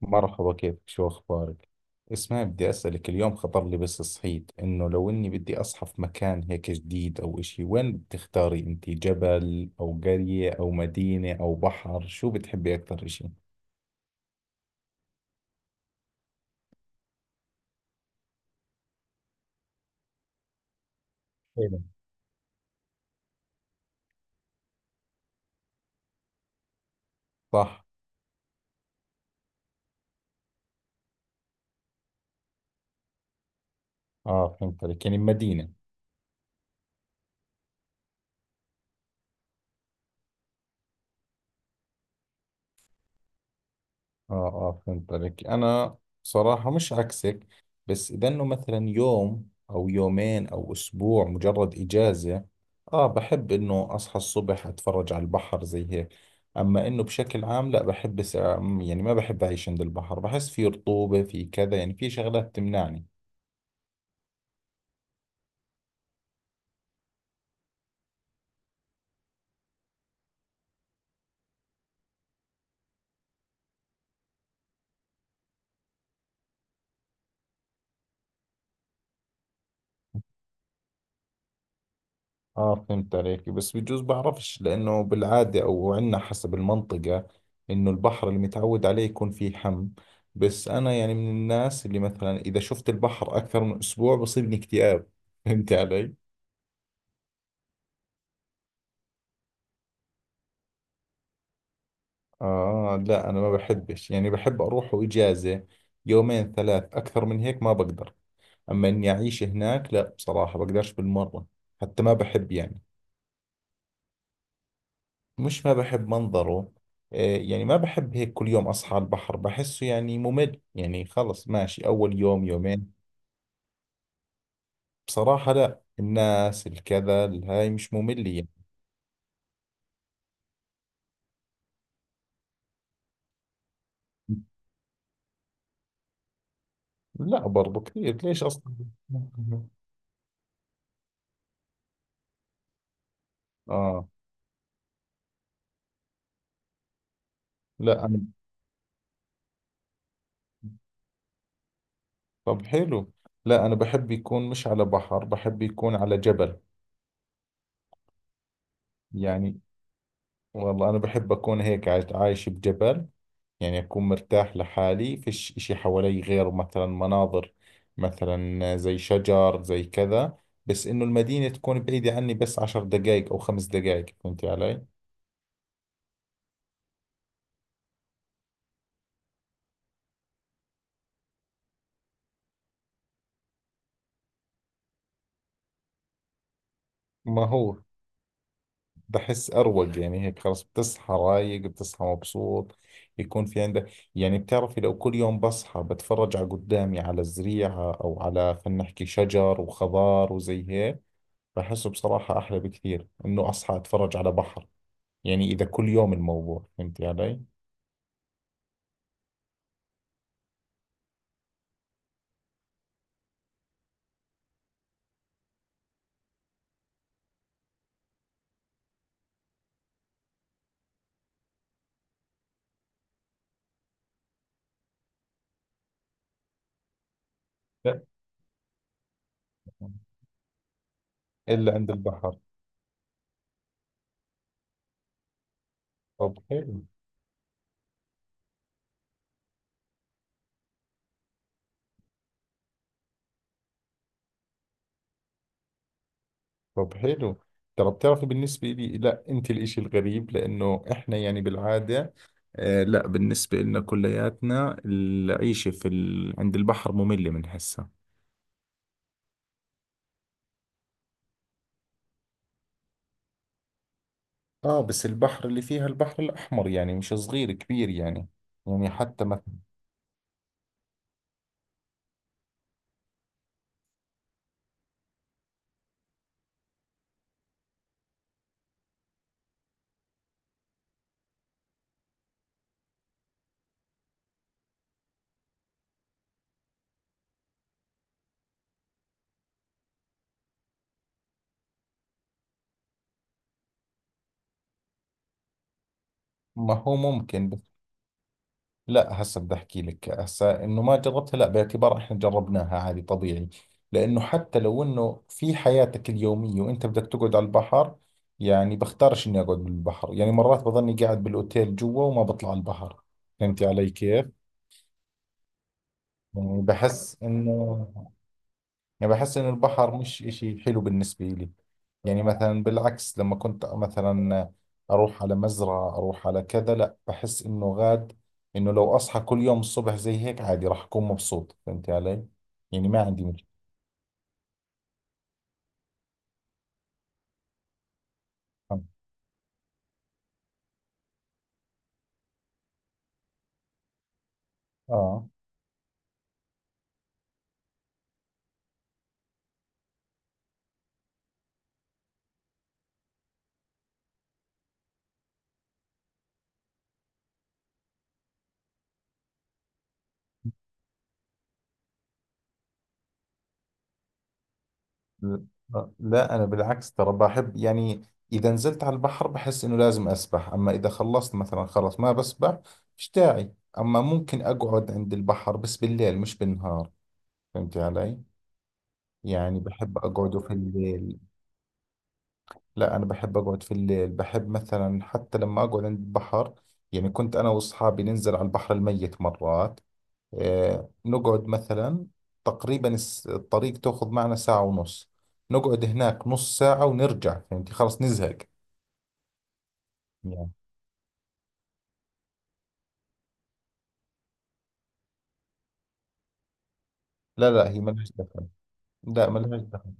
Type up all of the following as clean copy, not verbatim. مرحبا، كيفك؟ شو أخبارك؟ اسمعي، بدي أسألك. اليوم خطر لي بس صحيت إنه لو إني بدي أصحى في مكان هيك جديد أو إشي، وين بتختاري أنت؟ جبل أو قرية أو مدينة أو بحر؟ شو بتحبي أكثر إشي؟ حلو. صح. آه، فهمت عليك، يعني مدينة. اه اه، فهمت عليك. انا صراحة مش عكسك، بس اذا انه مثلا يوم او يومين او اسبوع مجرد اجازة، اه بحب انه اصحى الصبح اتفرج على البحر زي هيك. اما انه بشكل عام لا، يعني ما بحب اعيش عند البحر، بحس في رطوبة، في كذا، يعني في شغلات تمنعني. اه، فهمت عليك، بس بجوز بعرفش، لانه بالعاده او عندنا حسب المنطقه انه البحر اللي متعود عليه يكون فيه حم. بس انا يعني من الناس اللي مثلا اذا شفت البحر اكثر من اسبوع بصيبني اكتئاب فهمت علي. اه لا، انا ما بحبش، يعني بحب اروح اجازه يومين ثلاث، اكثر من هيك ما بقدر. اما اني اعيش هناك لا، بصراحه بقدرش بالمره. حتى ما بحب يعني. مش ما بحب منظره. آه، يعني ما بحب هيك كل يوم أصحى على البحر، بحسه يعني ممل، يعني خلص ماشي أول يوم يومين. بصراحة لا، الناس الكذا الهاي مش مملة يعني. لا، برضو كثير ليش أصلا. آه لا، أنا. طب حلو. لا، أنا بحب يكون مش على بحر، بحب يكون على جبل. يعني والله أنا بحب أكون هيك عايش، عايش بجبل. يعني أكون مرتاح لحالي، فيش إشي حوالي غير مثلا مناظر، مثلا زي شجر زي كذا، بس إنه المدينة تكون بعيدة عني، بس 10 دقايق أو 5 دقايق. فهمتي علي؟ ما هو بحس أروق، يعني هيك خلص، بتصحى رايق، بتصحى مبسوط. يكون في عندك، يعني بتعرفي لو كل يوم بصحى بتفرج على قدامي، على الزريعة أو على، خلينا نحكي، شجر وخضار وزي هيك. بحسه بصراحة أحلى بكثير إنه أصحى أتفرج على بحر، يعني إذا كل يوم الموضوع. فهمتي علي؟ لا، إلا عند البحر. طب حلو. طب حلو. ترى بتعرفي بالنسبة لي، لا أنت الإشي الغريب، لأنه إحنا يعني بالعادة، آه لا، بالنسبة لنا كلياتنا العيشة عند البحر مملة من هسه. آه، بس البحر اللي فيها، البحر الأحمر، يعني مش صغير، كبير يعني. يعني حتى ما, ما هو ممكن. لا، هسه بدي احكي لك، هسه انه ما جربتها، لا باعتبار احنا جربناها عادي طبيعي. لانه حتى لو انه في حياتك اليوميه وانت بدك تقعد على البحر، يعني بختارش اني اقعد بالبحر، يعني مرات بظني قاعد بالاوتيل جوا وما بطلع على البحر. فهمتي علي كيف؟ يعني بحس انه، يعني بحس إن البحر مش إشي حلو بالنسبة لي. يعني مثلا بالعكس، لما كنت مثلا أروح على مزرعة، أروح على كذا، لا، بحس إنه غاد، إنه لو أصحى كل يوم الصبح زي هيك عادي راح أكون مبسوط. فهمت علي؟ يعني ما عندي مشكلة. آه ل- لا، أنا بالعكس ترى بحب. يعني إذا نزلت على البحر بحس إنه لازم أسبح، أما إذا خلصت مثلا خلص ما بسبح، مش داعي. أما ممكن أقعد عند البحر، بس بالليل مش بالنهار. فهمت علي؟ يعني بحب أقعد في الليل. لا، أنا بحب أقعد في الليل، بحب مثلا حتى لما أقعد عند البحر. يعني كنت أنا وأصحابي ننزل على البحر الميت مرات، آه، نقعد مثلا تقريبا، الطريق تأخذ معنا ساعة ونص، نقعد هناك نص ساعة ونرجع. فهمتي؟ خلاص نزهق يعني. لا لا، هي ملهاش دخل. لا، ملهاش دخل.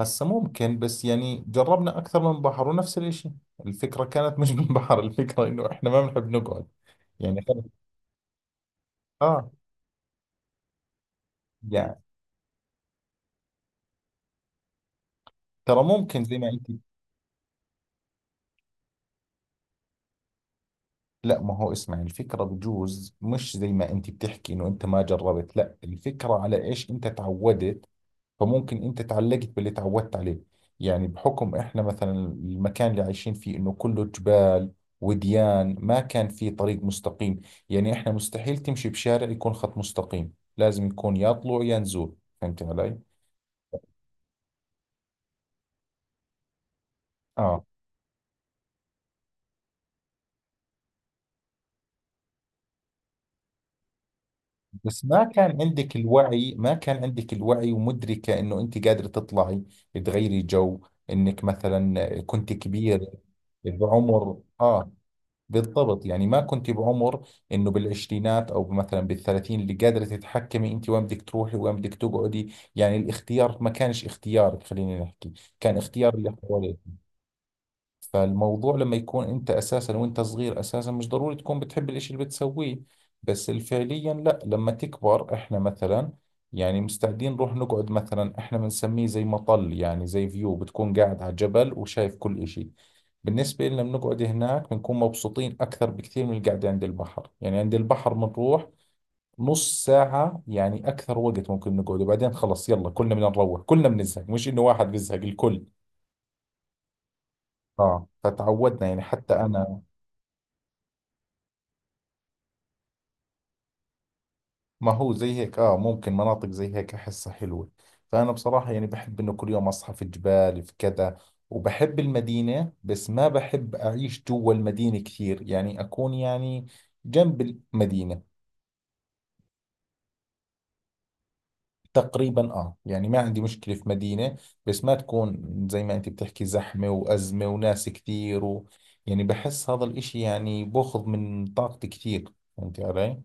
هسه ممكن، بس يعني جربنا أكثر من بحر ونفس الإشي. الفكرة كانت مش من بحر، الفكرة إنه إحنا ما بنحب نقعد، يعني خلص. آه، يعني ترى ممكن زي ما انت. لا، ما هو اسمع، الفكرة بجوز مش زي ما انت بتحكي انه انت ما جربت، لا الفكرة على ايش انت تعودت، فممكن انت تعلقت باللي تعودت عليه. يعني بحكم احنا مثلا المكان اللي عايشين فيه انه كله جبال وديان، ما كان في طريق مستقيم، يعني احنا مستحيل تمشي بشارع يكون خط مستقيم، لازم يكون يا طلوع يا نزول. فهمت علي؟ اه، بس ما كان عندك الوعي، ما كان عندك الوعي ومدركة انه انت قادرة تطلعي، تغيري جو، انك مثلا كنت كبير بعمر، اه. بالضبط، يعني ما كنت بعمر انه بالعشرينات او مثلا بالثلاثين اللي قادرة تتحكمي انت وين بدك تروحي وين بدك تقعدي، يعني الاختيار ما كانش اختيارك، خلينا نحكي كان اختيار اللي حواليك. فالموضوع لما يكون انت اساسا وانت صغير اساسا مش ضروري تكون بتحب الاشي اللي بتسويه، بس فعليا لا، لما تكبر، احنا مثلا يعني مستعدين نروح نقعد مثلا، احنا بنسميه زي مطل، يعني زي فيو، بتكون قاعد على جبل وشايف كل اشي. بالنسبة لنا بنقعد هناك بنكون مبسوطين أكثر بكثير من القعدة عند البحر. يعني عند البحر بنروح نص ساعة، يعني أكثر وقت ممكن نقعد وبعدين خلص، يلا كلنا بدنا نروح، كلنا بنزهق، مش إنه واحد بيزهق الكل. آه، فتعودنا، يعني حتى أنا، ما هو زي هيك، اه ممكن مناطق زي هيك احسها حلوة. فانا بصراحة يعني بحب انه كل يوم اصحى في جبال، في كذا. وبحب المدينة، بس ما بحب اعيش جوا المدينة كثير، يعني اكون يعني جنب المدينة تقريبا، اه. يعني ما عندي مشكلة في مدينة، بس ما تكون زي ما انت بتحكي زحمة وازمة وناس كثير و، يعني بحس هذا الاشي يعني بأخذ من طاقتي كثير. فهمتي علي؟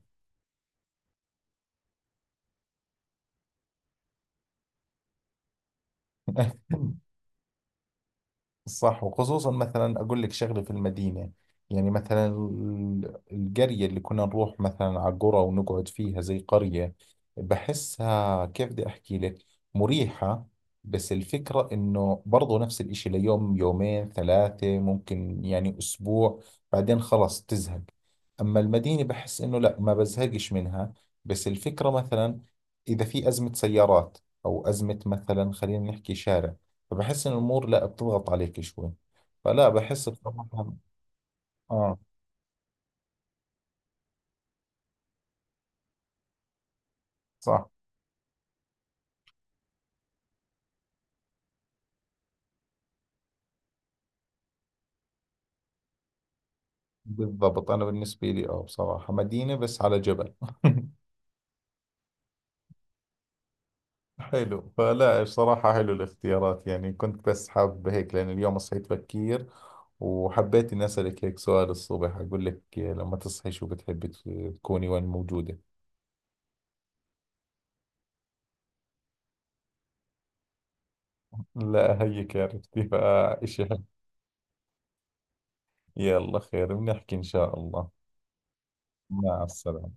صح. وخصوصا مثلا أقول لك شغلة في المدينة، يعني مثلا القرية اللي كنا نروح مثلا على قرى ونقعد فيها، زي قرية، بحسها كيف بدي أحكي لك، مريحة، بس الفكرة إنه برضو نفس الإشي ليوم يومين ثلاثة، ممكن يعني أسبوع، بعدين خلص تزهق. أما المدينة بحس إنه لا، ما بزهقش منها. بس الفكرة مثلا إذا في أزمة سيارات أو أزمة مثلا، خلينا نحكي شارع، فبحس إن الأمور لا بتضغط عليك شوي. فلا بحس بصراحة. آه، صح. بالضبط، أنا بالنسبة لي آه بصراحة مدينة بس على جبل حلو، فلا بصراحة حلو الاختيارات. يعني كنت بس حاب هيك، لأن اليوم صحيت بكير وحبيت إني أسألك هيك سؤال الصبح، أقول لك لما تصحي شو بتحبي، تكوني وين موجودة. لا هيك عرفتي، فإشي حلو. يلا، خير، بنحكي إن شاء الله. مع السلامة.